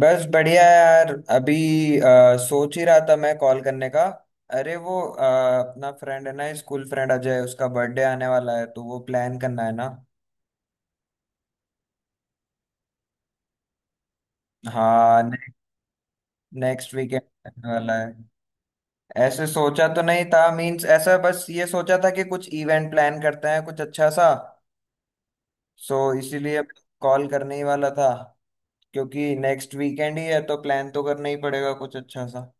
बस बढ़िया यार। अभी सोच ही रहा था मैं कॉल करने का। अरे वो अपना फ्रेंड है ना, स्कूल फ्रेंड अजय, उसका बर्थडे आने वाला है तो वो प्लान करना है ना। हाँ ने, नेक्स्ट वीकेंड आने वाला है। ऐसे सोचा तो नहीं था, मींस ऐसा बस ये सोचा था कि कुछ इवेंट प्लान करते हैं कुछ अच्छा सा। सो इसीलिए कॉल करने ही वाला था क्योंकि नेक्स्ट वीकेंड ही है तो प्लान तो करना ही पड़ेगा कुछ अच्छा सा।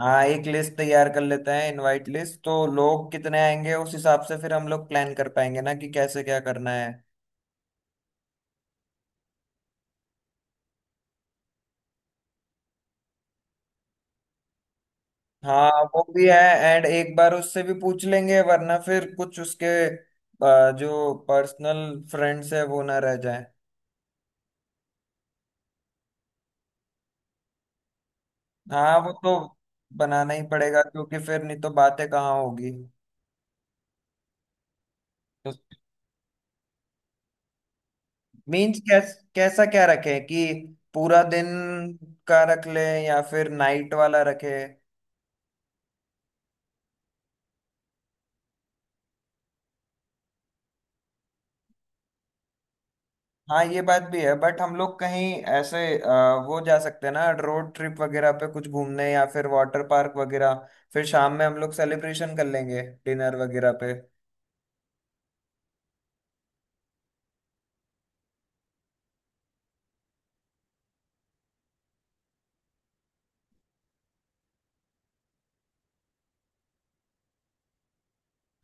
हाँ, एक लिस्ट तैयार कर लेते हैं, इनवाइट लिस्ट, तो लोग कितने आएंगे उस हिसाब से फिर हम लोग प्लान कर पाएंगे ना कि कैसे क्या करना है। हाँ वो भी है। एंड एक बार उससे भी पूछ लेंगे वरना फिर कुछ उसके जो पर्सनल फ्रेंड्स है वो ना रह जाए। हाँ वो तो बनाना ही पड़ेगा क्योंकि फिर नहीं तो बातें कहाँ होगी। तो मीन्स कैसा क्या रखें कि पूरा दिन का रख लें या फिर नाइट वाला रखें। हाँ ये बात भी है बट हम लोग कहीं ऐसे वो जा सकते हैं ना, रोड ट्रिप वगैरह पे कुछ घूमने या फिर वाटर पार्क वगैरह। फिर शाम में हम लोग सेलिब्रेशन कर लेंगे, डिनर वगैरह पे।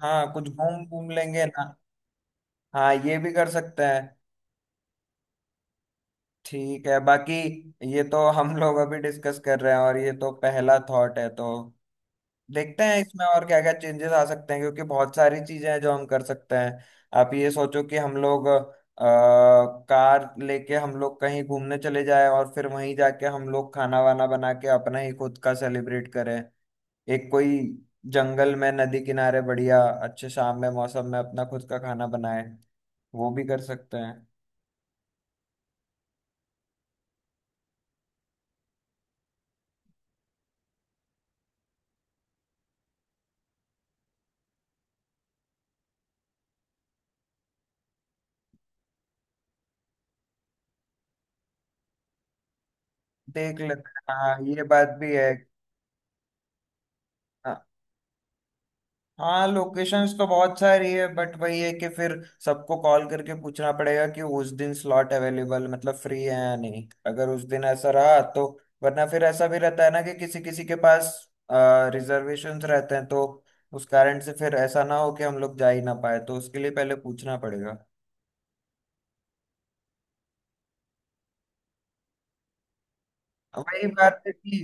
हाँ कुछ घूम घूम लेंगे ना। हाँ ये भी कर सकते हैं। ठीक है बाकी ये तो हम लोग अभी डिस्कस कर रहे हैं और ये तो पहला थॉट है, तो देखते हैं इसमें और क्या क्या चेंजेस आ सकते हैं क्योंकि बहुत सारी चीजें हैं जो हम कर सकते हैं। आप ये सोचो कि हम लोग कार लेके हम लोग कहीं घूमने चले जाएं और फिर वहीं जाके हम लोग खाना वाना बना के अपना ही खुद का सेलिब्रेट करें। एक कोई जंगल में नदी किनारे बढ़िया अच्छे शाम में मौसम में अपना खुद का खाना बनाएं, वो भी कर सकते हैं। देख लेते हैं, हाँ ये बात भी है। हाँ। हाँ लोकेशंस तो बहुत सारी है बट वही है कि फिर सबको कॉल करके पूछना पड़ेगा कि उस दिन स्लॉट अवेलेबल मतलब फ्री है या नहीं। अगर उस दिन ऐसा रहा तो वरना फिर ऐसा भी रहता है ना कि किसी किसी के पास रिजर्वेशंस रहते हैं तो उस कारण से फिर ऐसा ना हो कि हम लोग जा ही ना पाए, तो उसके लिए पहले पूछना पड़ेगा। वही बात है कि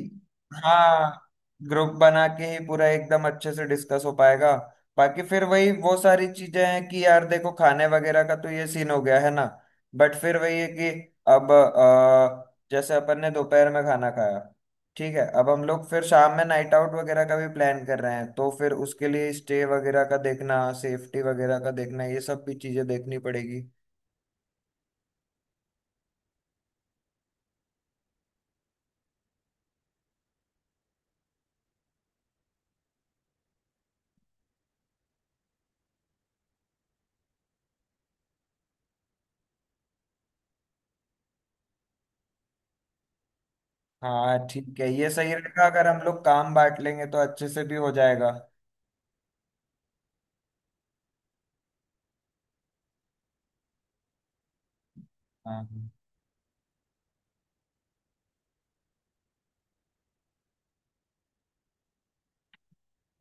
हाँ, ग्रुप बना के ही पूरा एकदम अच्छे से डिस्कस हो पाएगा। बाकी फिर वही वो सारी चीजें हैं कि यार देखो खाने वगैरह का तो ये सीन हो गया है ना बट फिर वही है कि अब जैसे अपन ने दोपहर में खाना खाया। ठीक है अब हम लोग फिर शाम में नाइट आउट वगैरह का भी प्लान कर रहे हैं तो फिर उसके लिए स्टे वगैरह का देखना, सेफ्टी वगैरह का देखना, ये सब भी चीजें देखनी पड़ेगी। हाँ ठीक है ये सही रहेगा अगर हम लोग काम बांट लेंगे तो अच्छे से भी हो जाएगा। हाँ।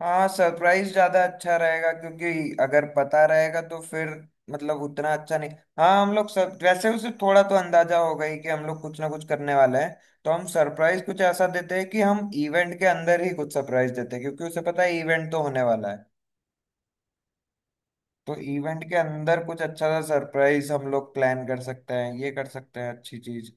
हाँ सरप्राइज ज्यादा अच्छा रहेगा क्योंकि अगर पता रहेगा तो फिर मतलब उतना अच्छा नहीं। हाँ हम लोग सब वैसे उसे थोड़ा तो अंदाजा होगा ही कि हम लोग कुछ ना कुछ करने वाले हैं, तो हम सरप्राइज कुछ ऐसा देते हैं कि हम इवेंट के अंदर ही कुछ सरप्राइज देते हैं क्योंकि उसे पता है इवेंट तो होने वाला है। तो इवेंट के अंदर कुछ अच्छा सा सरप्राइज हम लोग प्लान कर सकते हैं, ये कर सकते हैं अच्छी चीज।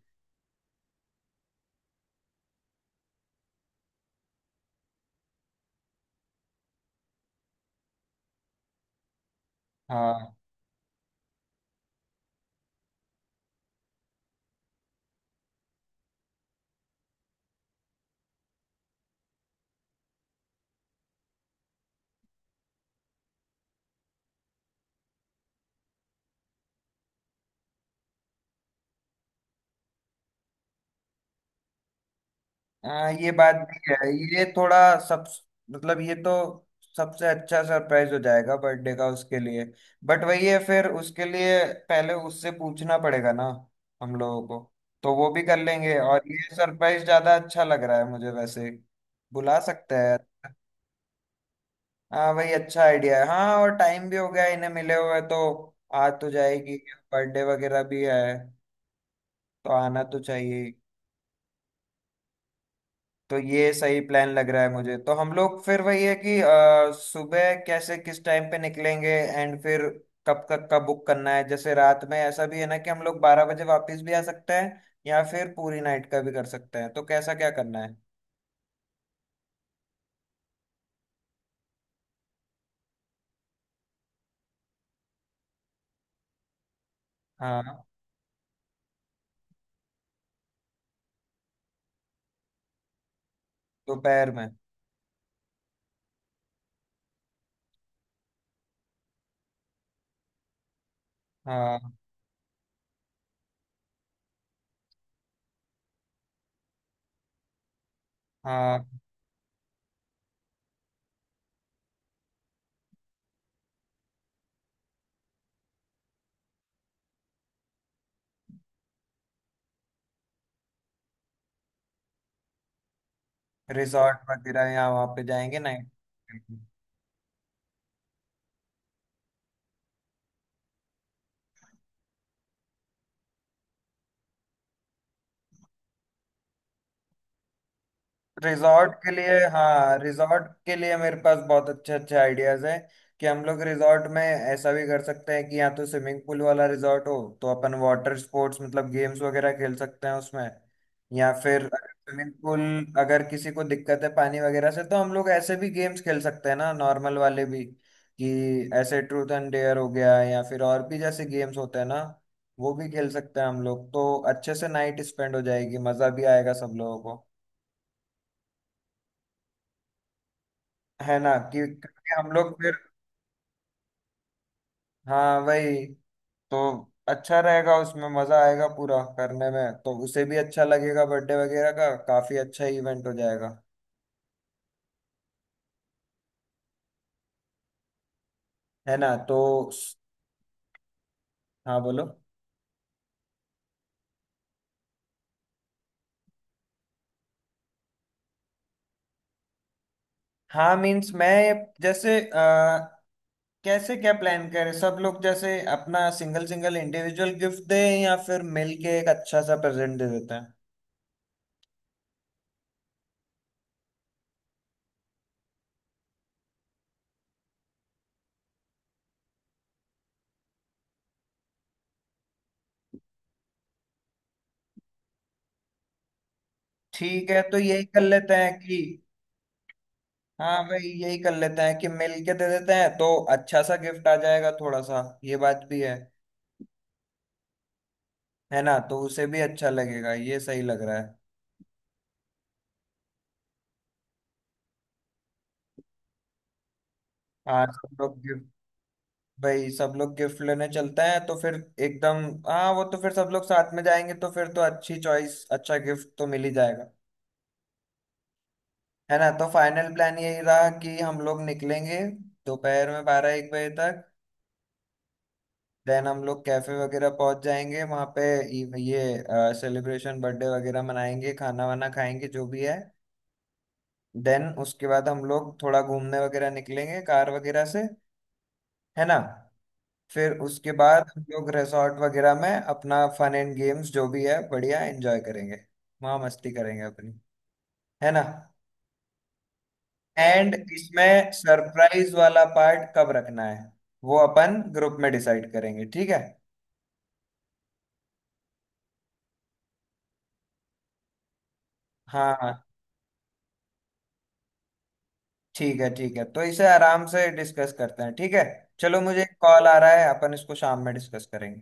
हाँ। हाँ ये बात भी है, ये थोड़ा सब मतलब ये तो सबसे अच्छा सरप्राइज हो जाएगा बर्थडे का उसके लिए। बट वही है फिर उसके लिए पहले उससे पूछना पड़ेगा ना हम लोगों को। तो वो भी कर लेंगे और ये सरप्राइज ज्यादा अच्छा लग रहा है मुझे वैसे, बुला सकते हैं। हाँ वही अच्छा आइडिया है, हाँ और टाइम भी हो गया इन्हें मिले हुए तो आ तो जाएगी। बर्थडे वगैरह भी है तो आना तो चाहिए। तो ये सही प्लान लग रहा है मुझे तो हम लोग फिर वही है कि सुबह कैसे किस टाइम पे निकलेंगे एंड फिर कब तक का बुक करना है जैसे रात में ऐसा भी है ना कि हम लोग 12 बजे वापस भी आ सकते हैं या फिर पूरी नाइट का भी कर सकते हैं तो कैसा क्या करना है। हाँ दोपहर में। हाँ। हाँ रिजॉर्ट वगैरह यहाँ वहाँ पे जाएंगे नाइट। रिजॉर्ट के लिए हाँ, रिजॉर्ट के लिए मेरे पास बहुत अच्छे अच्छे आइडियाज हैं कि हम लोग रिजॉर्ट में ऐसा भी कर सकते हैं कि या तो स्विमिंग पूल वाला रिजॉर्ट हो तो अपन वाटर स्पोर्ट्स मतलब गेम्स वगैरह खेल सकते हैं उसमें। या फिर अगर स्विमिंग पूल अगर किसी को दिक्कत है पानी वगैरह से तो हम लोग ऐसे भी गेम्स खेल सकते हैं ना नॉर्मल वाले भी, कि ऐसे ट्रूथ एंड डेयर हो गया या फिर और भी जैसे गेम्स होते हैं ना, वो भी खेल सकते हैं हम लोग तो। अच्छे से नाइट स्पेंड हो जाएगी मजा भी आएगा सब लोगों को, है ना, कि क्योंकि हम लोग फिर हाँ वही। तो अच्छा रहेगा, उसमें मजा आएगा पूरा करने में तो उसे भी अच्छा लगेगा बर्थडे वगैरह का काफी अच्छा इवेंट हो जाएगा। है ना तो स- हाँ बोलो। हाँ मीन्स मैं जैसे कैसे क्या प्लान करें सब लोग, जैसे अपना सिंगल सिंगल इंडिविजुअल गिफ्ट दें या फिर मिलके एक अच्छा सा प्रेजेंट दे देते हैं। ठीक है तो यही कर लेते हैं कि हाँ भाई यही कर लेते हैं कि मिल के दे देते हैं तो अच्छा सा गिफ्ट आ जाएगा, थोड़ा सा ये बात भी है ना, तो उसे भी अच्छा लगेगा ये सही लग रहा है। हाँ सब लोग गिफ्ट, भाई सब लोग गिफ्ट लेने चलते हैं तो फिर एकदम, हाँ वो तो फिर सब लोग साथ में जाएंगे तो फिर तो अच्छी चॉइस अच्छा गिफ्ट तो मिल ही जाएगा। है ना तो फाइनल प्लान यही रहा कि हम लोग निकलेंगे दोपहर में 12-1 बजे तक, देन हम लोग कैफे वगैरह पहुंच जाएंगे वहां पे, ये सेलिब्रेशन बर्थडे वगैरह मनाएंगे खाना वाना खाएंगे जो भी है। देन उसके बाद हम लोग थोड़ा घूमने वगैरह निकलेंगे कार वगैरह से, है ना, फिर उसके बाद हम लोग रिसॉर्ट वगैरह में अपना फन एंड गेम्स जो भी है बढ़िया एंजॉय करेंगे, वहाँ मस्ती करेंगे अपनी, है ना, एंड इसमें सरप्राइज वाला पार्ट कब रखना है वो अपन ग्रुप में डिसाइड करेंगे, ठीक है। हाँ। हाँ। ठीक है तो इसे आराम से डिस्कस करते हैं ठीक है। चलो मुझे एक कॉल आ रहा है, अपन इसको शाम में डिस्कस करेंगे।